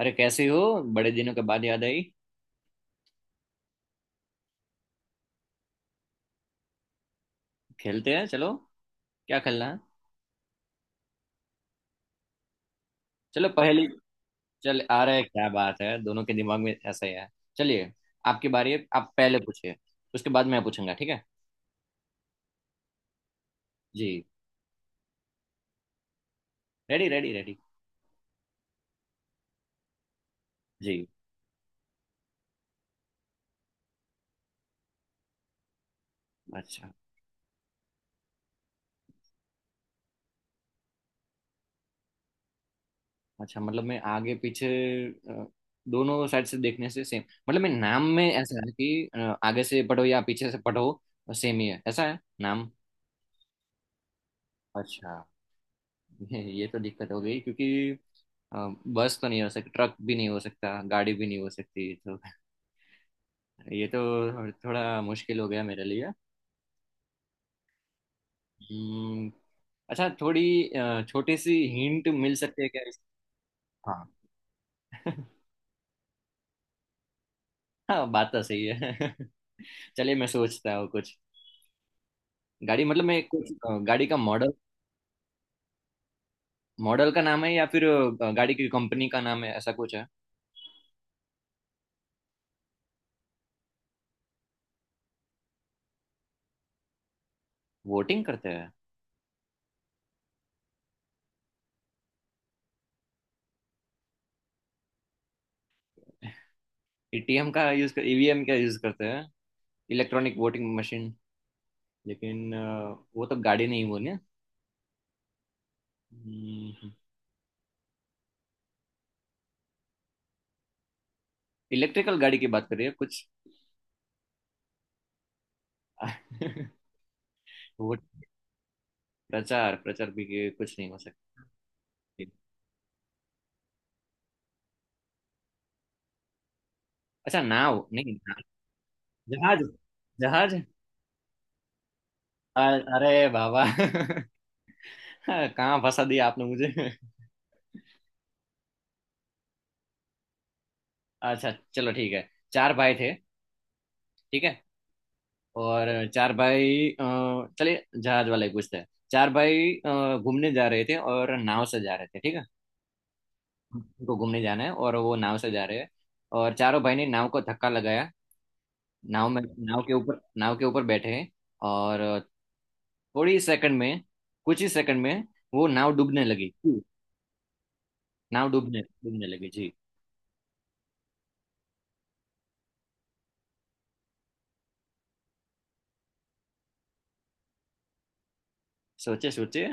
अरे कैसी हो? बड़े दिनों के बाद याद आई। खेलते हैं चलो। क्या खेलना है? चलो पहली। चल आ रहा है, क्या बात है, दोनों के दिमाग में ऐसा ही है। चलिए। आपकी बारी है, आप पहले पूछिए। उसके बाद मैं पूछूंगा, ठीक है। जी। Ready, ready, ready. जी। अच्छा। अच्छा, मतलब मैं आगे पीछे। अ, दोनों साइड से देखने से सेम। मतलब मैं नाम में ऐसा है कि आगे से पढ़ो या पीछे से पढ़ो। सेम ही है, ऐसा है नाम। अच्छा। ये तो दिक्कत हो गई, क्योंकि अ, बस तो नहीं हो सकती, ट्रक भी नहीं हो सकता, गाड़ी भी नहीं हो सकती, तो ये तो थोड़ा मुश्किल हो गया मेरे लिए। हम्म, अच्छा, थोड़ी छोटी सी हिंट मिल सकती है क्या हाँ। हाँ, बात तो सही है। चलिए मैं सोचता हूँ कुछ। गाड़ी, मतलब मैं कुछ गाड़ी का मॉडल। मॉडल का नाम है या फिर गाड़ी की कंपनी का नाम है, ऐसा कुछ है? वोटिंग करते हैं। ईटीएम का यूज कर ईवीएम का यूज करते हैं। Electronic voting machine. लेकिन वो तो गाड़ी नहीं, वो ना। हम्म, इलेक्ट्रिकल गाड़ी की बात कर रही है कुछ? वो। प्रचार प्रचार भी के कुछ नहीं हो सकती। अच्छा, नाव? नहीं, नाव। जहाज। जहाज। अरे बाबा, कहाँ फंसा दिया आपने मुझे? अच्छा चलो ठीक है, चार भाई थे। ठीक है। और चार भाई चलिए जहाज वाले पूछते हैं। चार भाई घूमने जा रहे थे और नाव से जा रहे थे, ठीक है। को घूमने जाना है और वो नाव से जा रहे हैं। और चारों भाई ने नाव को धक्का लगाया। नाव में, नाव के ऊपर बैठे हैं। और थोड़ी सेकंड में कुछ ही सेकंड में वो नाव डूबने लगी जी। नाव डूबने डूबने लगी जी। सोचे सोचे।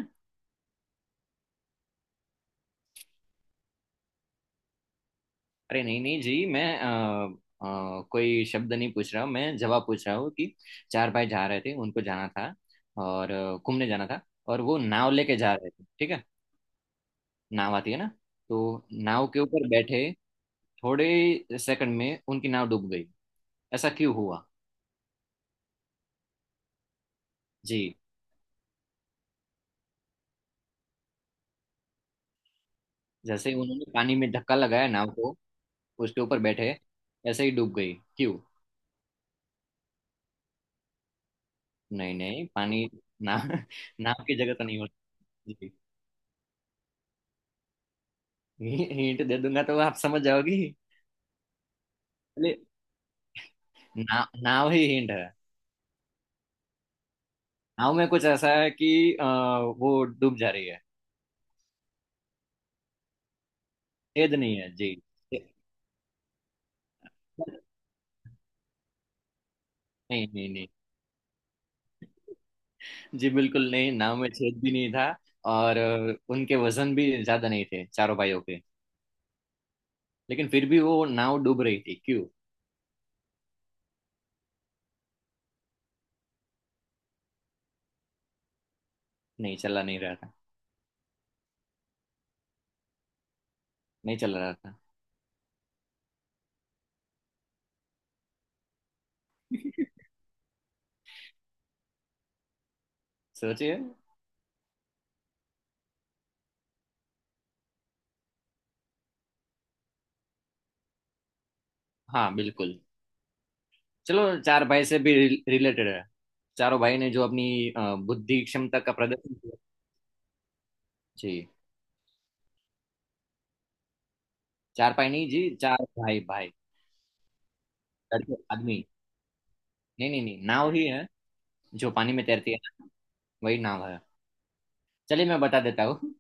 अरे नहीं नहीं जी, मैं कोई शब्द नहीं पूछ रहा हूँ, मैं जवाब पूछ रहा हूँ कि चार भाई जा रहे थे, उनको जाना था। और घूमने जाना था। और वो नाव लेके जा रहे थे, ठीक है। नाव आती है ना, तो नाव के ऊपर बैठे। थोड़े सेकंड में उनकी नाव डूब गई। ऐसा क्यों हुआ? जी। जैसे ही उन्होंने पानी में धक्का लगाया नाव को, उसके ऊपर बैठे, ऐसे ही डूब गई, क्यों? नहीं नहीं, पानी। ना। नाव की जगह तो नहीं होती। जी, हिंट दे दूंगा तो आप समझ जाओगी। अरे, ना, नाव ही हिंट है। नाव में कुछ ऐसा है कि वो डूब जा रही है। छेद नहीं है जी। नहीं नहीं नहीं। जी बिल्कुल नहीं, नाव में छेद भी नहीं था। और उनके वजन भी ज्यादा नहीं थे चारों भाइयों के। लेकिन फिर भी वो नाव डूब रही थी, क्यों? नहीं, चला नहीं रहा था। नहीं चल रहा था। सोचिए। हाँ बिल्कुल। चलो, चार भाई से भी रिलेटेड है। चारों भाई ने जो अपनी बुद्धि क्षमता का प्रदर्शन किया। जी। चार भाई नहीं जी, चार भाई भाई। लड़के, आदमी। नहीं नहीं नहीं, नाव ही है, जो पानी में तैरती है ना, वही नाव है। चलिए मैं बता देता हूँ।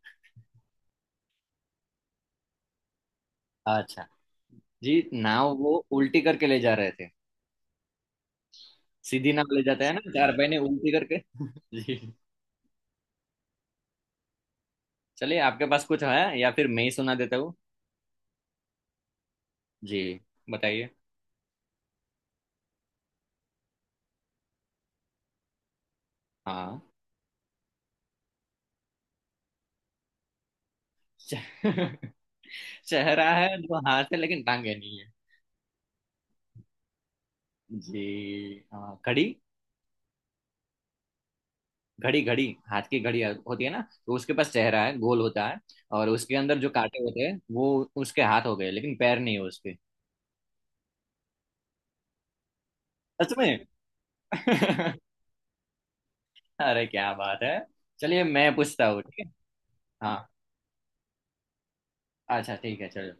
अच्छा। जी, नाव वो उल्टी करके ले जा रहे थे। सीधी नाव ले जाते हैं ना, चार भाई ने उल्टी करके। जी। चलिए, आपके पास कुछ है या फिर मैं ही सुना देता हूँ? जी। बताइए। हाँ। च- चेहरा है, जो हाथ है लेकिन टांगे नहीं है। जी। हाँ, घड़ी। घड़ी, घड़ी। हाथ की घड़ी होती है ना। तो उसके पास चेहरा है, गोल होता है। और उसके अंदर जो कांटे होते हैं, वो उसके हाथ हो गए, लेकिन पैर नहीं है उसके। सच में। अरे क्या बात है। चलिए मैं पूछता हूँ, ठीक है। हाँ। अच्छा ठीक है चलो।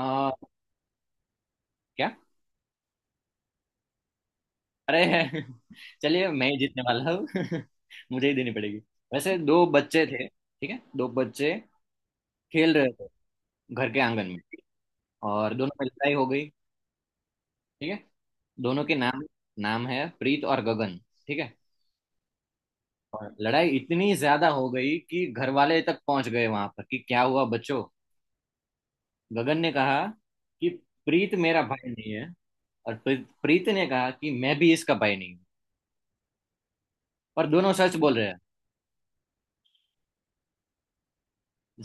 आ, क्या? अरे, चलिए मैं ही जीतने वाला हूँ। मुझे ही देनी पड़ेगी। वैसे दो बच्चे थे, ठीक है, दो बच्चे खेल रहे थे घर के आंगन में, और दोनों में लड़ाई हो गई, ठीक है। दोनों के नाम, नाम है प्रीत और गगन, ठीक है। और लड़ाई इतनी ज्यादा हो गई कि घर वाले तक पहुंच गए वहां पर, कि क्या हुआ बच्चों। गगन ने कहा कि प्रीत मेरा भाई नहीं है। और प्रीत प्रीत ने कहा कि मैं भी इसका भाई नहीं हूँ। पर दोनों सच बोल रहे हैं।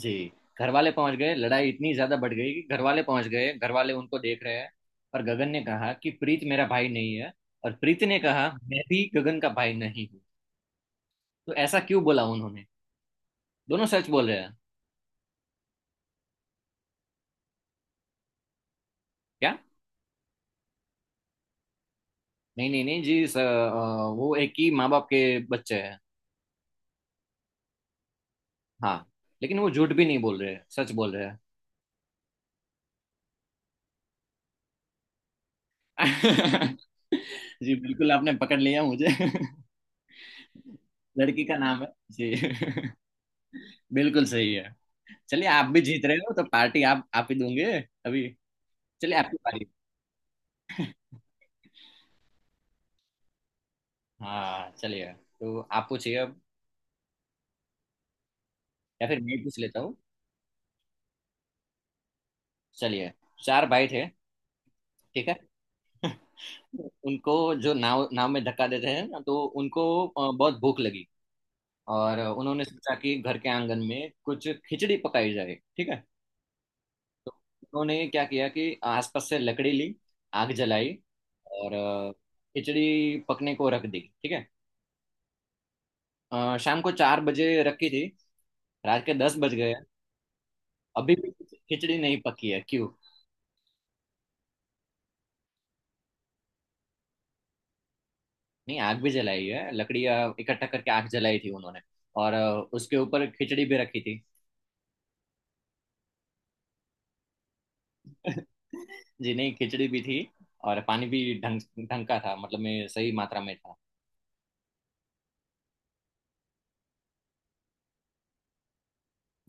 जी। घर वाले पहुंच गए, लड़ाई इतनी ज्यादा बढ़ गई कि घर वाले पहुंच गए, घर वाले उनको देख रहे हैं। और गगन ने कहा कि प्रीत मेरा भाई नहीं है। और प्रीत ने कहा मैं भी गगन का भाई नहीं हूँ। तो ऐसा क्यों बोला उन्होंने? दोनों सच बोल रहे हैं। क्या? नहीं नहीं नहीं जी सर, वो एक ही माँ बाप के बच्चे हैं। हाँ। लेकिन वो झूठ भी नहीं बोल रहे हैं, सच बोल रहे हैं। जी बिल्कुल, आपने पकड़ लिया मुझे। लड़की का नाम है जी। बिल्कुल सही है। चलिए, आप भी जीत रहे हो तो पार्टी आप ही दूंगे। अभी। चलिए, आपकी बारी। हाँ चलिए, तो आप पूछिए अब। या फिर मैं पूछ लेता हूँ। चलिए। चार भाई थे, ठीक है। उनको, जो नाव नाव में धक्का देते हैं ना, तो उनको बहुत भूख लगी। और उन्होंने सोचा कि घर के आंगन में कुछ खिचड़ी पकाई जाए, ठीक है। तो उन्होंने क्या किया कि आसपास से लकड़ी ली, आग जलाई, और खिचड़ी पकने को रख दी, ठीक है। शाम को चार बजे रखी थी, रात के दस बज गए। अभी भी खिचड़ी नहीं पकी है, क्यों? नहीं, आग भी जलाई है, लकड़ियाँ इकट्ठा करके आग जलाई थी उन्होंने। और उसके ऊपर खिचड़ी भी रखी थी। जी नहीं, खिचड़ी भी थी। और पानी भी ढंग ढंग का था, मतलब मैं सही मात्रा में था।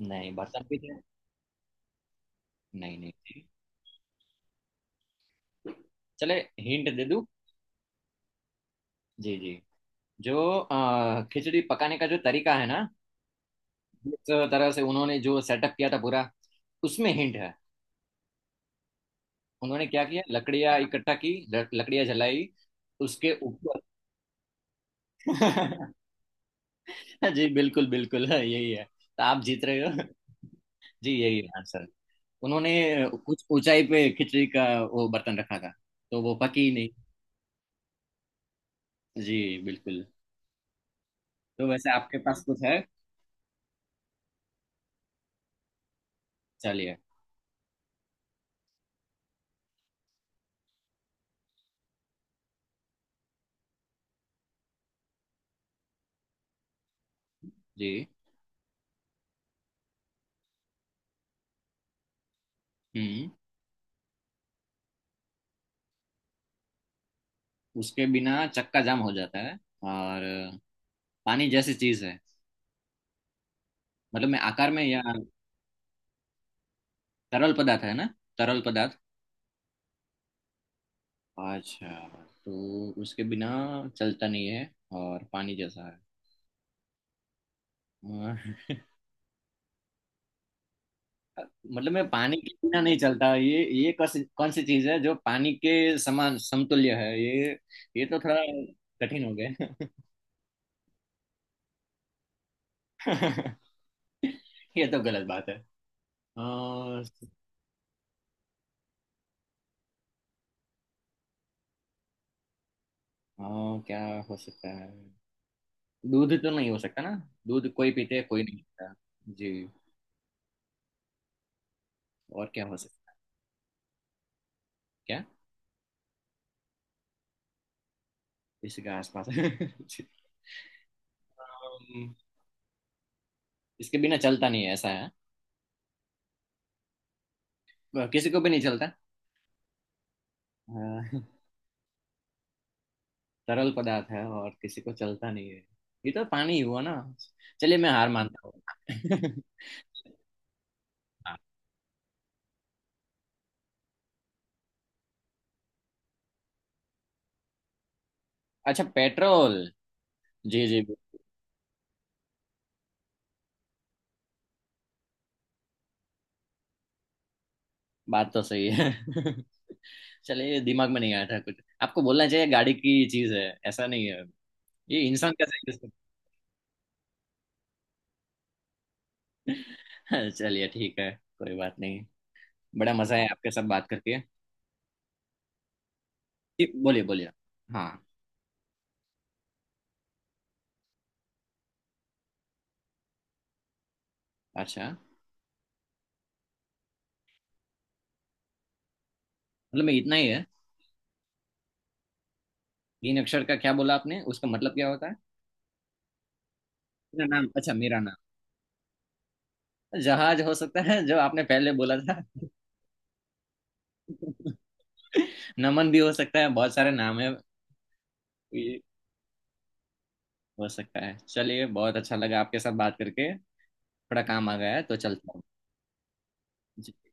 नहीं, बर्तन भी थे। नहीं, नहीं थी। चले, हिंट दे दूँ? जी जी। जो खिचड़ी पकाने का जो तरीका है ना, जिस तरह से उन्होंने जो सेटअप किया था पूरा, उसमें हिंट है। उन्होंने क्या किया, लकड़ियां इकट्ठा की, लकड़ियां जलाई, उसके ऊपर। जी बिल्कुल बिल्कुल, यही है, तो आप जीत रहे हो। जी यही है आंसर। उन्होंने कुछ ऊंचाई पे खिचड़ी का वो बर्तन रखा था, तो वो पकी ही नहीं। जी, बिल्कुल। तो वैसे आपके पास कुछ है? चलिए। जी। हम्म। उसके बिना चक्का जाम हो जाता है, और पानी जैसी चीज है। मतलब मैं आकार में या तरल पदार्थ है ना? तरल पदार्थ। अच्छा। तो उसके बिना चलता नहीं है और पानी जैसा है। मतलब मैं पानी के बिना नहीं चलता, ये कौन सी चीज है जो पानी के समान समतुल्य है ये? ये तो थोड़ा कठिन हो गया। ये तो गलत बात है। और और क्या हो सकता है? दूध तो नहीं हो सकता ना? दूध कोई पीते है, कोई नहीं पीता। जी। और क्या हो सकता है? क्या? किसी के आसपास? जी। अम, इसके बिना चलता नहीं है, ऐसा है। किसी को भी नहीं चलता। तरल पदार्थ है और किसी को चलता नहीं है। ये तो पानी ही हुआ ना। चलिए मैं हार मानता हूँ। हाँ। अच्छा, पेट्रोल। जी जी। बात तो सही है। चलिए, ये दिमाग में नहीं आया था कुछ। आपको बोलना चाहिए गाड़ी की चीज है, ऐसा नहीं है। ये इंसान का सही है। चलिए ठीक है, कोई बात नहीं। बड़ा मजा है आपके साथ बात करके। जी, बोलिए बोलिए। हाँ। अच्छा, मतलब मैं इतना ही है। तीन अक्षर का क्या बोला आपने, उसका मतलब क्या होता है? मेरा नाम? अच्छा, मेरा नाम। जहाज हो सकता है, जो आपने पहले बोला था। नमन भी हो सकता है, बहुत सारे नाम है। ये हो सकता है। चलिए, बहुत अच्छा लगा आपके साथ बात करके। थोड़ा काम आ गया है, तो चलता हूँ।